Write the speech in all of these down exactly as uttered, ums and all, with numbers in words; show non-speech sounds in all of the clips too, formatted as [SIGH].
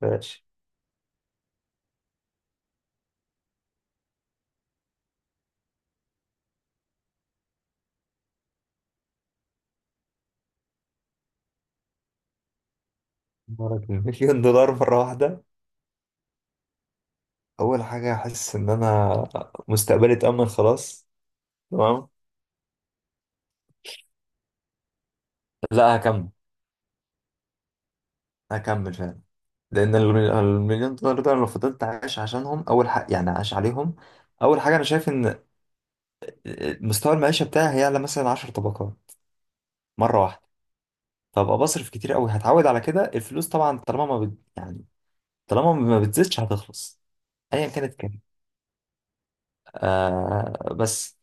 ماشي. مرض مليون دولار مرة واحدة. أول حاجة أحس إن أنا مستقبلي اتأمن خلاص. تمام. لا، هكمل. هكمل فعلا. لأن المل- المليون دولار ده، أنا لو فضلت عايش عشانهم، أول حاجة يعني عايش عليهم. أول حاجة أنا شايف إن مستوى المعيشة بتاعي هيعلى مثلا عشر طبقات مرة واحدة. فأبقى بصرف كتير أوي، هتعود على كده الفلوس. طبعا طالما ما بت... يعني طالما ما بتزيدش هتخلص، أيا كانت كام. آه بس.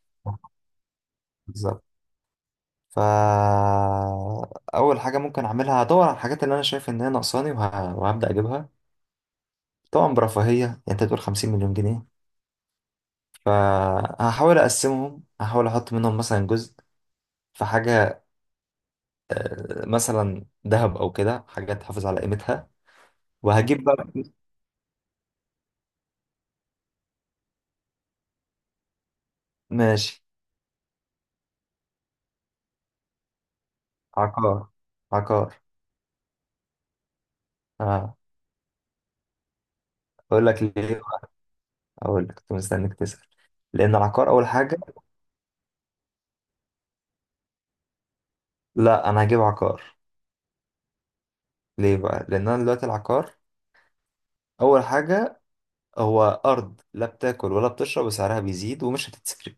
بالظبط. فأول حاجة ممكن أعملها هدور على الحاجات اللي أنا شايف إن هي ناقصاني، وه... وهبدأ أجيبها. طبعا برفاهية، يعني أنت تقول خمسين مليون جنيه. فهحاول أقسمهم، هحاول أحط منهم مثلا جزء في حاجة، آه، مثلا ذهب أو كده، حاجة تحافظ على قيمتها. وهجيب بقى. ماشي. عقار. عقار. آه. أقول لك ليه بقى؟ أقول لك كنت مستنيك تسأل. لأن العقار أول حاجة. لا، أنا هجيب عقار. ليه بقى؟ لأن أنا دلوقتي العقار أول حاجة، هو أرض لا بتاكل ولا بتشرب، وسعرها بيزيد ومش هتتسرق.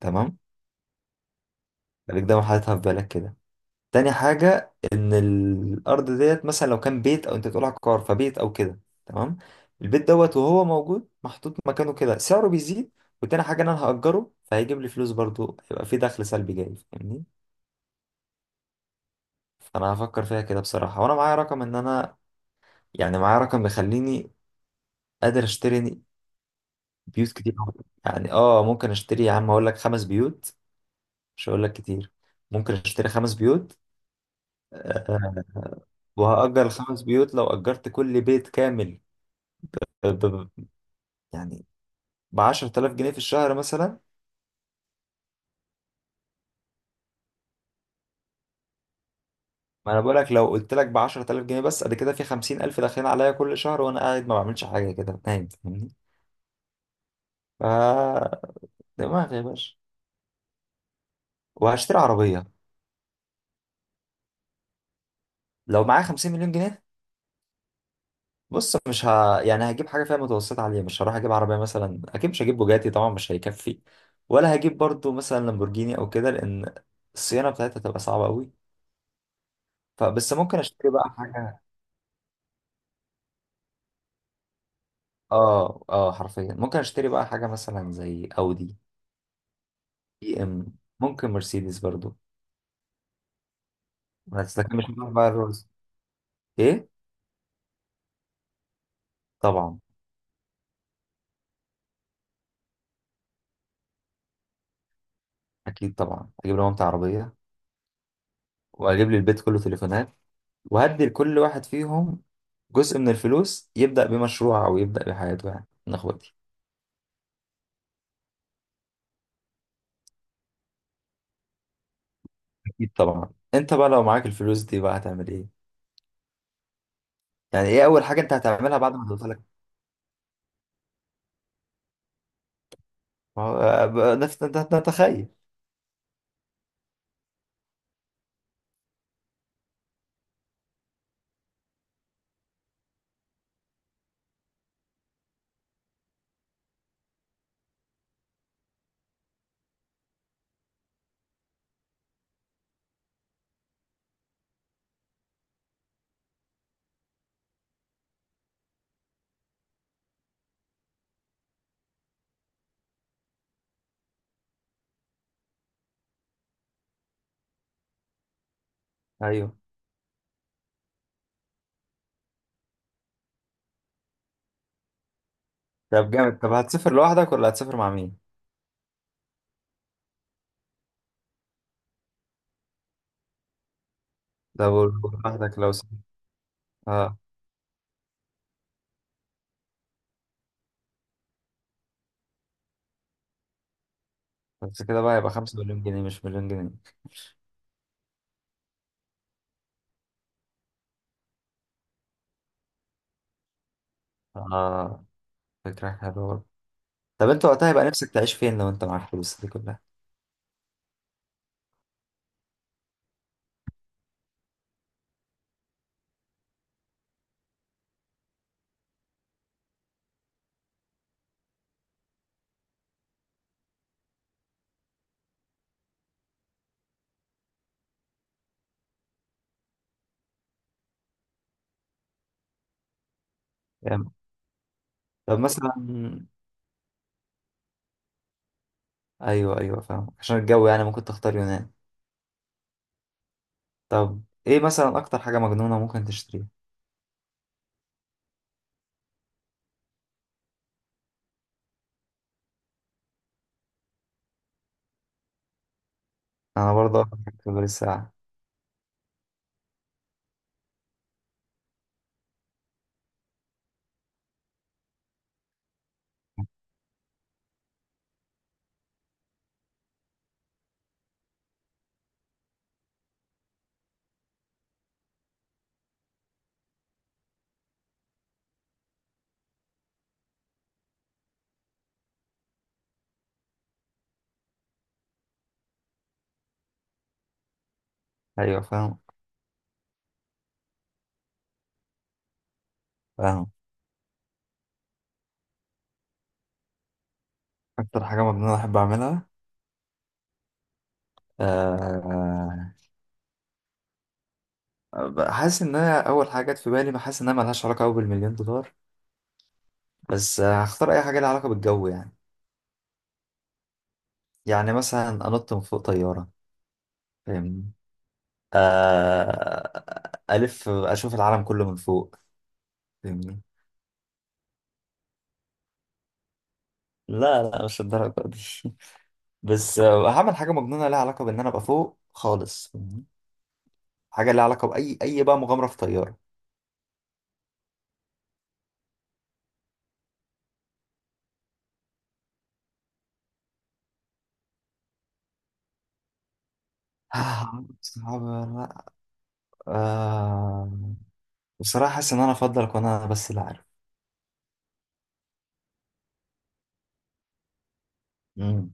تمام. خليك دايما حاططها في بالك كده. تاني حاجة إن الأرض ديت مثلا لو كان بيت، أو أنت بتقول عقار فبيت أو كده. تمام. البيت دوت وهو موجود محطوط مكانه كده سعره بيزيد. وتاني حاجة إن أنا هأجره، فهيجيب لي فلوس برضو، هيبقى في دخل سلبي جاي. فاهمني؟ فأنا هفكر فيها كده بصراحة، وأنا معايا رقم إن أنا، يعني معايا رقم بيخليني قادر أشتري بيوت كتير أوي. يعني اه ممكن اشتري، يا عم اقول لك، خمس بيوت. مش هقول لك كتير، ممكن اشتري خمس بيوت. آه، وهأجر الخمس بيوت. لو أجرت كل بيت كامل ب- ب- يعني ب عشر تلاف جنيه في الشهر مثلا. ما انا بقول لك، لو قلت لك ب عشرة آلاف جنيه بس، قد كده في خمسين ألف داخلين عليا كل شهر، وانا قاعد ما بعملش حاجه، كده نايم. فاهمني؟ ف دماغي يا باشا. وهشتري عربيه. لو معايا خمسين مليون جنيه، بص مش ه... يعني هجيب حاجه فيها متوسطه عاليه. مش هروح اجيب عربيه مثلا، اكيد مش هجيب بوجاتي طبعا، مش هيكفي. ولا هجيب برضو مثلا لامبورجيني او كده، لان الصيانه بتاعتها تبقى صعبه قوي. فبس ممكن اشتري بقى حاجه. اه، اه، حرفيا ممكن اشتري بقى حاجه مثلا زي اودي، بي ام، ممكن مرسيدس برضو. بس لكن مش هروح بقى الرولز. ايه؟ طبعا. اكيد طبعا اجيب لمامتي عربيه، واجيب للبيت كله تليفونات، وهدي لكل واحد فيهم جزء من الفلوس، يبدا بمشروع او يبدا بحياته، يعني من اخواتي. اكيد طبعا. انت بقى لو معاك الفلوس دي بقى هتعمل ايه؟ يعني ايه اول حاجه انت هتعملها بعد ما توصل لك؟ ما هو- بقى نفس، انت تتخيل. ايوه. طب جامد، طب هتسافر لوحدك ولا هتسافر مع مين؟ لو لوحدك لو سافر. اه. بس كده بقى يبقى خمسة مليون جنيه مش مليون جنيه. اه، فكره حلوه برضه. طب انت وقتها يبقى نفسك تعيش فين لو انت معاك الفلوس دي كلها؟ جامد. طب مثلا، ايوه ايوه فاهم، عشان الجو يعني ممكن تختار يونان. طب ايه مثلا اكتر حاجه مجنونه ممكن تشتريها؟ انا برضه اكتر حاجه في الساعه. ايوه فاهم. فاهم. اكتر حاجه مجنونه احب اعملها. أه آه، حاسس ان انا اول حاجه جت في بالي، بحس انها ملهاش علاقه قوي بالمليون دولار، بس آه، هختار اي حاجه لها علاقه بالجو. يعني يعني مثلا انط من فوق طياره، فاهمني؟ أه الف، اشوف العالم كله من فوق، فاهمني؟ لا لا، مش الدرجه دي. [LAUGHS] بس آه، هعمل حاجه مجنونه لها علاقه بان انا ابقى فوق خالص، فاهمني؟ حاجه لها علاقه باي اي بقى، مغامره في طياره. [LAUGHS] [SIGHS] صعب ولا لا؟ آه، بصراحة حاسس إن أنا أفضل أكون أنا بس اللي عارف. مم.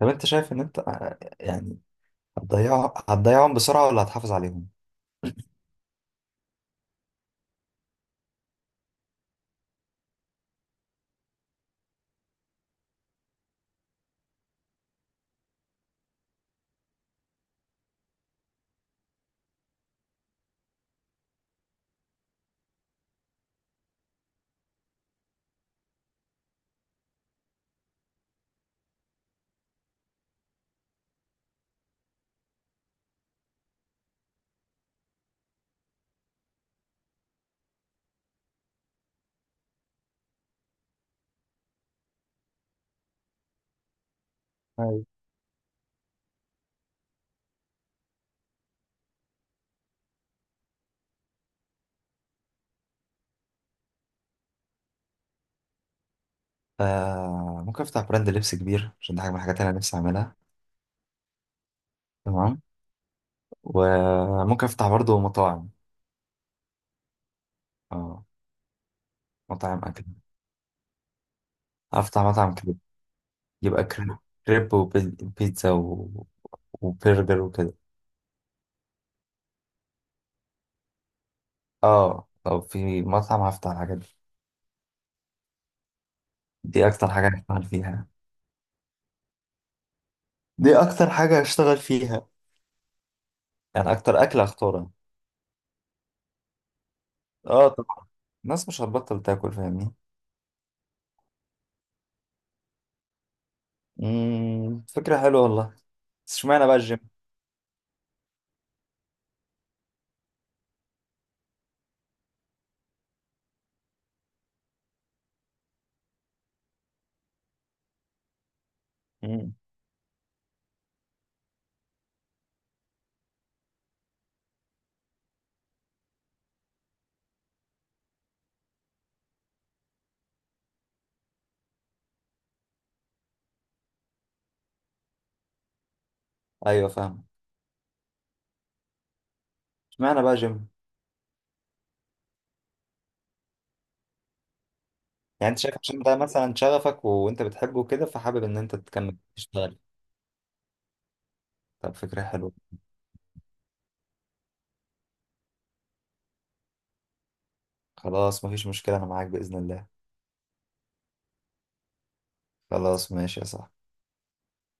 طب أنت شايف إن أنت، آه، يعني هتضيع هتضيعهم بسرعة ولا هتحافظ عليهم؟ أيوة. آه، ممكن أفتح براند لبس كبير، عشان ده حاجة من الحاجات اللي أنا نفسي أعملها. تمام. وممكن أفتح برضه مطاعم. آه، مطاعم أكل. أفتح مطعم كريب. يبقى كريب. كريب وبيتزا و... وبرجر وكده. اه، لو في مطعم هفتح الحاجات دي. دي اكتر حاجة هشتغل فيها. دي اكتر حاجة هشتغل فيها، يعني اكتر اكلة هختارها. اه، الناس مش هتبطل تاكل، فاهمني؟ امم، فكرة حلوة والله. بس اشمعنى بقى الجيم؟ امم. ايوه فاهم. اشمعنى بقى جيم؟ يعني انت شايف عشان ده مثلا شغفك وانت بتحبه كده، فحابب ان انت تكمل تشتغل. طب فكرة حلوة. خلاص مفيش مشكلة، انا معاك بإذن الله. خلاص، ماشي يا صاحبي.